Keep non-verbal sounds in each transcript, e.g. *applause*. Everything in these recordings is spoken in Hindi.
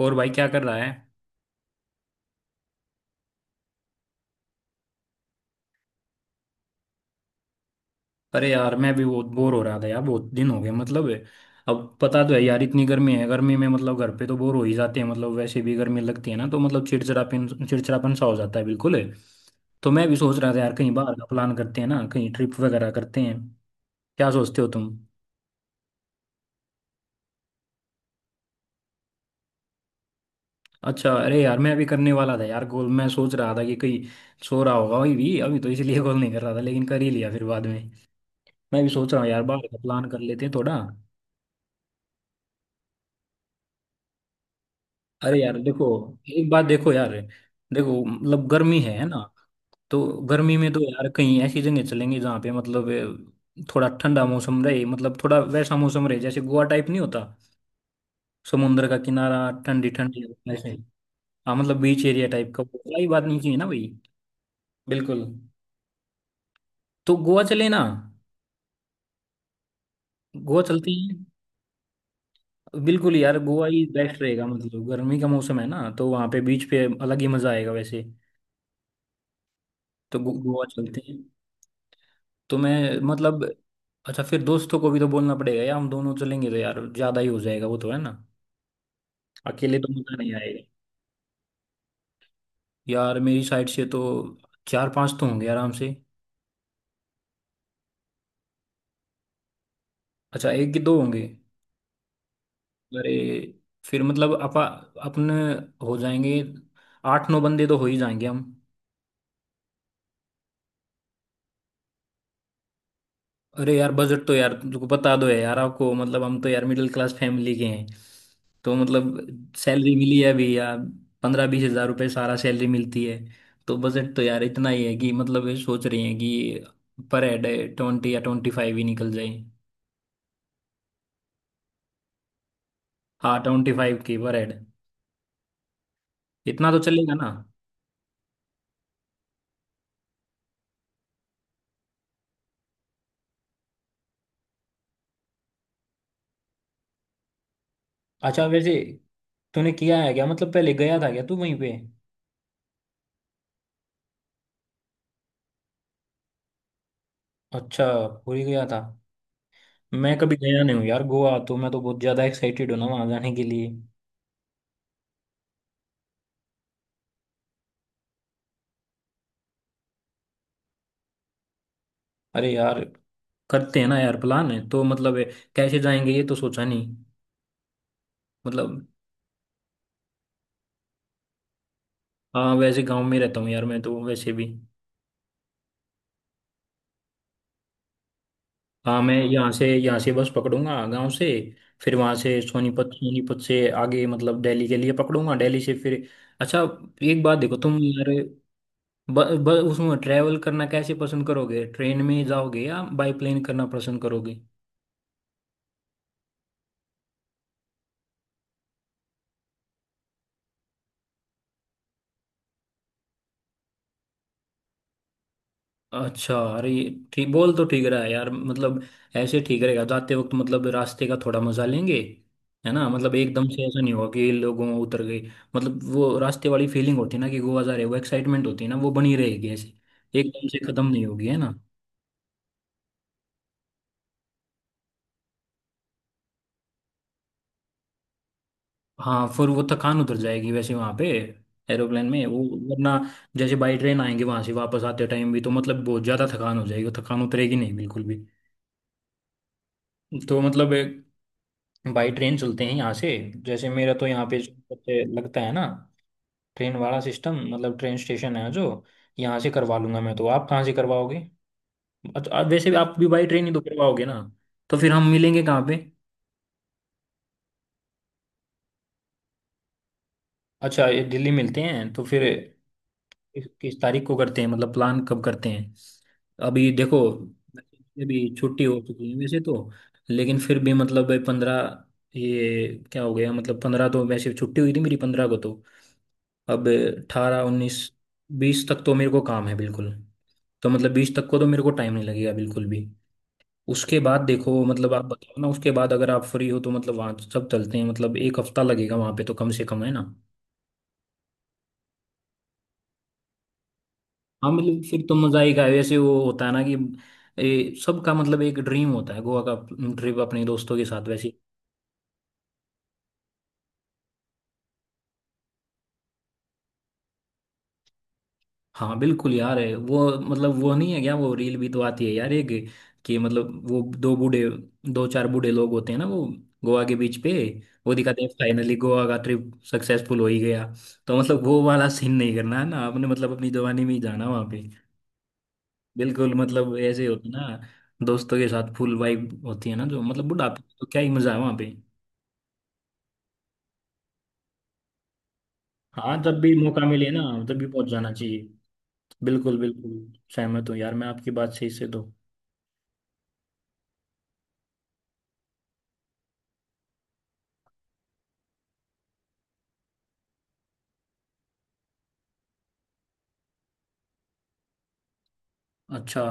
और भाई क्या कर रहा है? अरे यार मैं भी बहुत बोर हो रहा था यार, बहुत दिन हो गए मतलब। अब पता तो है यार, इतनी गर्मी है। गर्मी में मतलब घर पे तो बोर हो ही जाते हैं। मतलब वैसे भी गर्मी लगती है ना, तो मतलब चिड़चिड़ापन चिड़चिड़ापन सा हो जाता है बिल्कुल। तो मैं भी सोच रहा था यार, कहीं बाहर का प्लान करते हैं ना, कहीं ट्रिप वगैरह करते हैं। क्या सोचते हो तुम? अच्छा, अरे यार मैं अभी करने वाला था यार गोल। मैं सोच रहा था कि कहीं सो रहा होगा वही भी अभी, तो इसलिए *laughs* गोल नहीं कर रहा था, लेकिन कर ही लिया फिर बाद में। मैं भी सोच रहा हूँ यार, बाहर का प्लान कर लेते हैं थोड़ा। अरे यार देखो, एक बात देखो यार। देखो मतलब गर्मी है ना। तो गर्मी में तो यार कहीं ऐसी जगह चलेंगे जहाँ पे मतलब थोड़ा ठंडा मौसम रहे। मतलब थोड़ा वैसा मौसम रहे, जैसे गोवा टाइप नहीं होता? समुद्र का किनारा, ठंडी ठंडी, ऐसे। हाँ मतलब बीच एरिया टाइप का, वैसा ही बात नहीं चाहिए ना भाई। बिल्कुल। तो गोवा चले ना? गोवा चलते हैं। बिल्कुल यार, गोवा ही बेस्ट रहेगा। मतलब गर्मी का मौसम है ना, तो वहाँ पे बीच पे अलग ही मजा आएगा वैसे। तो गोवा चलते हैं। तो मैं मतलब, अच्छा फिर दोस्तों को भी तो बोलना पड़ेगा यार। हम दोनों चलेंगे तो यार ज्यादा ही हो जाएगा, वो तो है ना। अकेले तो मजा नहीं आएगा। यार मेरी साइड से तो चार पांच तो होंगे आराम से। अच्छा, एक कि दो होंगे? अरे फिर मतलब अपा अपन हो जाएंगे। आठ नौ बंदे तो हो ही जाएंगे हम। अरे यार बजट तो यार तुमको बता दो है यार आपको। मतलब हम तो यार मिडिल क्लास फैमिली के हैं। तो मतलब सैलरी मिली है अभी यार, 15-20 हजार रुपये सारा सैलरी मिलती है। तो बजट तो यार इतना ही है कि मतलब ये सोच रही हैं कि पर हेड 20 या 25 ही निकल जाए। हाँ, 25 की पर हेड, इतना तो चलेगा ना। अच्छा, वैसे तूने किया है क्या? मतलब पहले गया था क्या तू वहीं पे? अच्छा, पूरी गया था। मैं कभी गया नहीं हूँ यार गोवा तो। मैं तो बहुत ज़्यादा एक्साइटेड हूँ ना वहाँ जाने के लिए। अरे यार करते हैं ना यार, प्लान है तो मतलब। कैसे जाएंगे ये तो सोचा नहीं मतलब। हाँ वैसे गांव में रहता हूँ यार, मैं तो वैसे भी। हाँ, मैं यहाँ से बस पकड़ूंगा गांव से। फिर वहाँ से सोनीपत सोनीपत से आगे मतलब दिल्ली के लिए पकड़ूंगा, दिल्ली से फिर। अच्छा, एक बात देखो तुम यार, ब, ब, उसमें ट्रैवल करना कैसे पसंद करोगे? ट्रेन में जाओगे या बाई प्लेन करना पसंद करोगे? अच्छा, अरे ये ठीक बोल तो ठीक रहा है यार मतलब। ऐसे ठीक रहेगा, जाते वक्त मतलब रास्ते का थोड़ा मजा लेंगे है ना। मतलब एकदम से ऐसा नहीं होगा कि लोगों उतर गए। मतलब वो रास्ते वाली फीलिंग होती है ना कि गोवा जा रहे हो, एक्साइटमेंट होती है ना, वो बनी रहेगी ऐसे। एकदम से खत्म नहीं होगी है ना। हाँ फिर वो थकान उतर जाएगी वैसे वहां पे एरोप्लेन में वो। वरना जैसे बाई ट्रेन आएंगे, वहां से वापस आते टाइम भी तो मतलब बहुत ज्यादा थकान हो जाएगी, वो थकान उतरेगी नहीं बिल्कुल भी। तो मतलब बाई ट्रेन चलते हैं यहाँ से। जैसे मेरा तो यहाँ पे जो सबसे लगता है ना, ट्रेन वाला सिस्टम मतलब ट्रेन स्टेशन है जो, यहाँ से करवा लूंगा मैं। तो आप कहाँ से करवाओगे? अच्छा, वैसे भी आप भी बाई ट्रेन ही तो करवाओगे ना। तो फिर हम मिलेंगे कहाँ पे? अच्छा, ये दिल्ली मिलते हैं तो फिर। किस किस तारीख को करते हैं? मतलब प्लान कब करते हैं? अभी देखो, अभी छुट्टी हो चुकी है वैसे तो। लेकिन फिर भी मतलब 15, ये क्या हो गया, मतलब 15 तो वैसे छुट्टी हुई थी मेरी, 15 को तो। अब 18 19 20 तक तो मेरे को काम है बिल्कुल। तो मतलब 20 तक को तो मेरे को टाइम नहीं लगेगा बिल्कुल भी। उसके बाद देखो मतलब आप बताओ ना, उसके बाद अगर आप फ्री हो तो मतलब वहाँ तो सब चलते हैं। मतलब एक हफ्ता लगेगा वहाँ पे तो कम से कम है ना। हाँ मतलब फिर तो मज़ा ही का वैसे वो होता है ना कि, ये सबका मतलब एक ड्रीम होता है गोवा का ट्रिप अपने दोस्तों के साथ वैसे। हाँ बिल्कुल यार, है वो मतलब वो नहीं है क्या, वो रील भी तो आती है यार, एक कि मतलब वो दो बूढ़े, दो चार बूढ़े लोग होते हैं ना वो, गोवा के बीच पे। वो दिखाते हैं फाइनली गोवा का ट्रिप सक्सेसफुल हो ही गया। तो मतलब वो वाला सीन नहीं करना है ना आपने, मतलब अपनी जवानी में ही जाना वहाँ पे। बिल्कुल, मतलब ऐसे होता है ना, दोस्तों के साथ फुल वाइब होती है ना जो, मतलब बुढ़ापे में तो क्या ही मजा है वहाँ पे। हाँ, जब भी मौका मिले ना, तब भी पहुंच जाना चाहिए। बिल्कुल बिल्कुल। सहमत हूँ यार, मैं आपकी बात सही से इससे तो। अच्छा,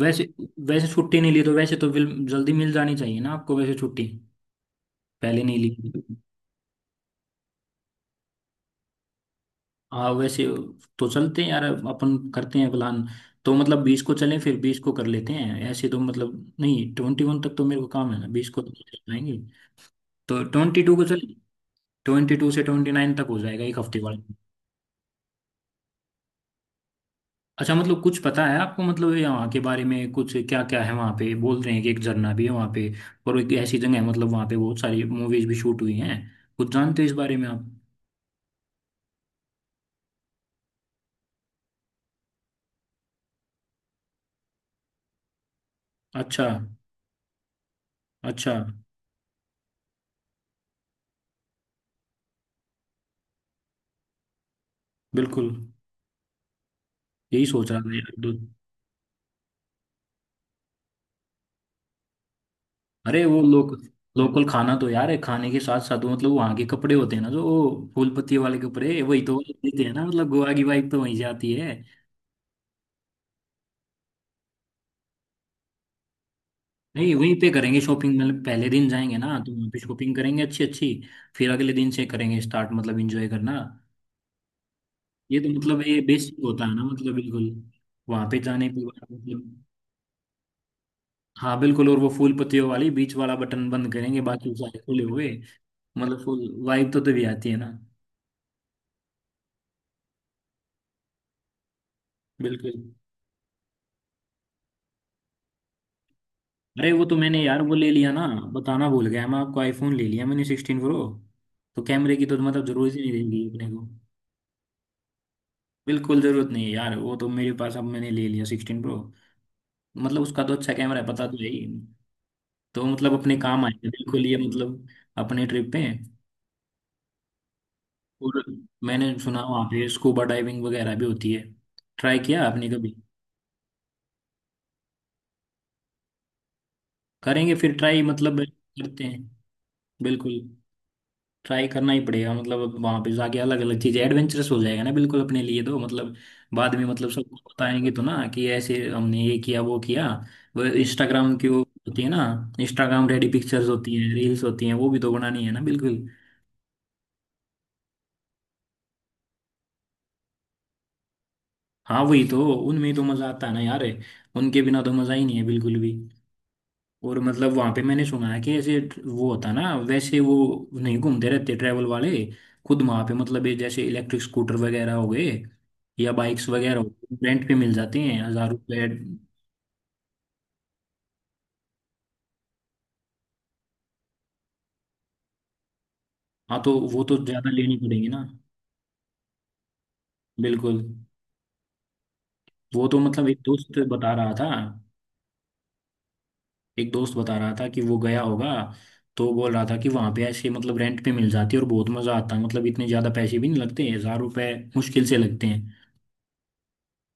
वैसे वैसे छुट्टी नहीं ली तो वैसे तो जल्दी मिल जानी चाहिए ना आपको वैसे छुट्टी, पहले नहीं ली। हाँ वैसे, तो चलते हैं यार अपन, करते हैं प्लान। तो मतलब बीस को चलें, फिर 20 को कर लेते हैं ऐसे, तो मतलब नहीं, 21 तक तो मेरे को काम है ना, 20 को तो नहीं चल पाएंगे। तो 22 को चलें। 22 से 29 तक हो जाएगा एक हफ्ते वाला। अच्छा, मतलब कुछ पता है आपको? मतलब यहाँ के बारे में कुछ, क्या क्या है वहाँ पे, बोल रहे हैं कि एक झरना भी है वहाँ पे, और एक ऐसी जगह है मतलब वहाँ पे बहुत सारी मूवीज भी शूट हुई हैं। कुछ जानते हो इस बारे में आप? अच्छा, अच्छा, बिल्कुल। यही सोच रहा था यार दो। अरे वो लोकल खाना तो यार है, खाने के साथ साथ वो मतलब वहाँ के कपड़े होते हैं ना जो, वो फूल पत्ती वाले कपड़े वही तो देते हैं ना, मतलब गोवा की वाइफ तो वहीं जाती है। नहीं, वहीं पे करेंगे शॉपिंग। मतलब पहले दिन जाएंगे ना तो वहाँ पे शॉपिंग करेंगे अच्छी अच्छी। फिर अगले दिन से करेंगे स्टार्ट मतलब एंजॉय करना। ये तो मतलब ये बेसिक होता है ना मतलब बिल्कुल, वहाँ पे जाने के बाद मतलब। हाँ बिल्कुल, और वो फूल पत्तियों वाली बीच वाला बटन बंद करेंगे, बाकी सारे खुले हुए। मतलब फुल वाइब तो तभी आती है ना। बिल्कुल। अरे वो तो मैंने यार वो ले लिया ना, बताना भूल गया मैं आपको। आईफोन ले लिया मैंने 16 प्रो। तो कैमरे की तो मतलब जरूरत ही नहीं रहेगी अपने को। बिल्कुल जरूरत नहीं है यार, वो तो मेरे पास अब, मैंने ले लिया 16 प्रो। मतलब उसका तो अच्छा कैमरा है पता तो है ही। तो मतलब अपने काम आएगा बिल्कुल ये, मतलब अपने ट्रिप पे। और मैंने सुना वहाँ पे स्कूबा डाइविंग वगैरह भी होती है। ट्राई किया आपने कभी? करेंगे फिर ट्राई, मतलब करते हैं। बिल्कुल, ट्राई करना ही पड़ेगा मतलब। वहां पे जाके अलग अलग चीजें, एडवेंचरस हो जाएगा ना बिल्कुल अपने लिए तो मतलब। बाद में मतलब सबको बताएंगे तो ना कि ऐसे हमने ये किया वो किया। वो इंस्टाग्राम की वो होती है ना, इंस्टाग्राम रेडी पिक्चर्स होती हैं, रील्स होती हैं, वो भी तो बनानी है ना बिल्कुल। हाँ वही तो, उनमें ही तो मजा आता है ना यार। उनके बिना तो मजा ही नहीं है बिल्कुल भी। और मतलब वहां पे मैंने सुना है कि ऐसे वो होता है ना वैसे वो, नहीं घूमते रहते ट्रैवल वाले खुद वहां पे, मतलब ये जैसे इलेक्ट्रिक स्कूटर वगैरह हो गए या बाइक्स वगैरह हो गई, रेंट पे मिल जाते हैं 1000 रुपये। हाँ तो वो तो ज्यादा लेनी पड़ेगी ना। बिल्कुल। वो तो मतलब, एक दोस्त बता रहा था। एक दोस्त बता रहा था कि वो गया होगा, तो बोल रहा था कि वहां पे ऐसे मतलब रेंट पे मिल जाती है और बहुत मजा आता है। मतलब इतने ज्यादा पैसे भी नहीं लगते, 1000 रुपए मुश्किल से लगते हैं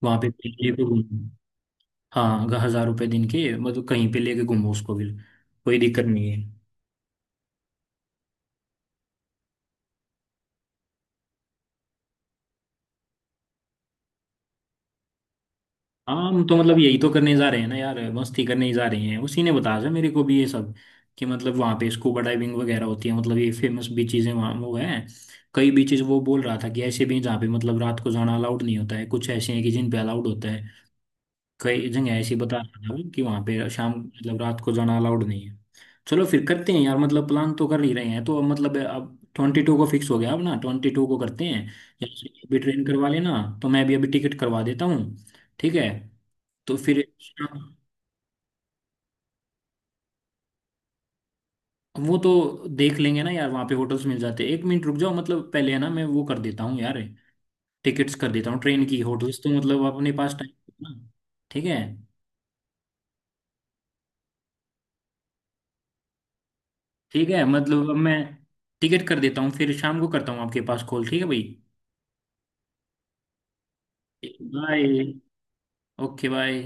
वहां पे। हाँ, अगर 1000 रुपए दिन के मतलब कहीं पे लेके घूमो उसको भी कोई दिक्कत नहीं है। हाँ, हम तो मतलब यही तो करने जा रहे हैं ना यार, मस्ती करने ही जा रहे हैं। उसी ने बताया था मेरे को भी ये सब, कि मतलब वहाँ पे स्कूबा डाइविंग वगैरह होती है, मतलब ये फेमस बीचेज हैं वहाँ वो हैं। कई बीचेज वो बोल रहा था कि ऐसे भी हैं जहाँ पे मतलब रात को जाना अलाउड नहीं होता है, कुछ ऐसे हैं कि जिन पे अलाउड होता है। कई जगह ऐसी बता रहा था वो कि वहाँ पे शाम, मतलब रात को जाना अलाउड नहीं है। चलो फिर करते हैं यार, मतलब प्लान तो कर ही रहे हैं तो अब, मतलब अब 22 को फिक्स हो गया। अब ना, 22 को करते हैं या अभी ट्रेन करवा लेना। तो मैं भी अभी टिकट करवा देता हूँ। ठीक है तो फिर। वो तो देख लेंगे ना यार, वहाँ पे होटल्स मिल जाते हैं। एक मिनट रुक जाओ, मतलब पहले है ना, मैं वो कर देता हूँ यार, टिकट्स कर देता हूँ ट्रेन की। होटल्स तो मतलब अपने पास टाइम है ना। ठीक है। ठीक है, मतलब अब मैं टिकट कर देता हूँ, फिर शाम को करता हूँ आपके पास कॉल। ठीक है भाई। बाय। Okay bye.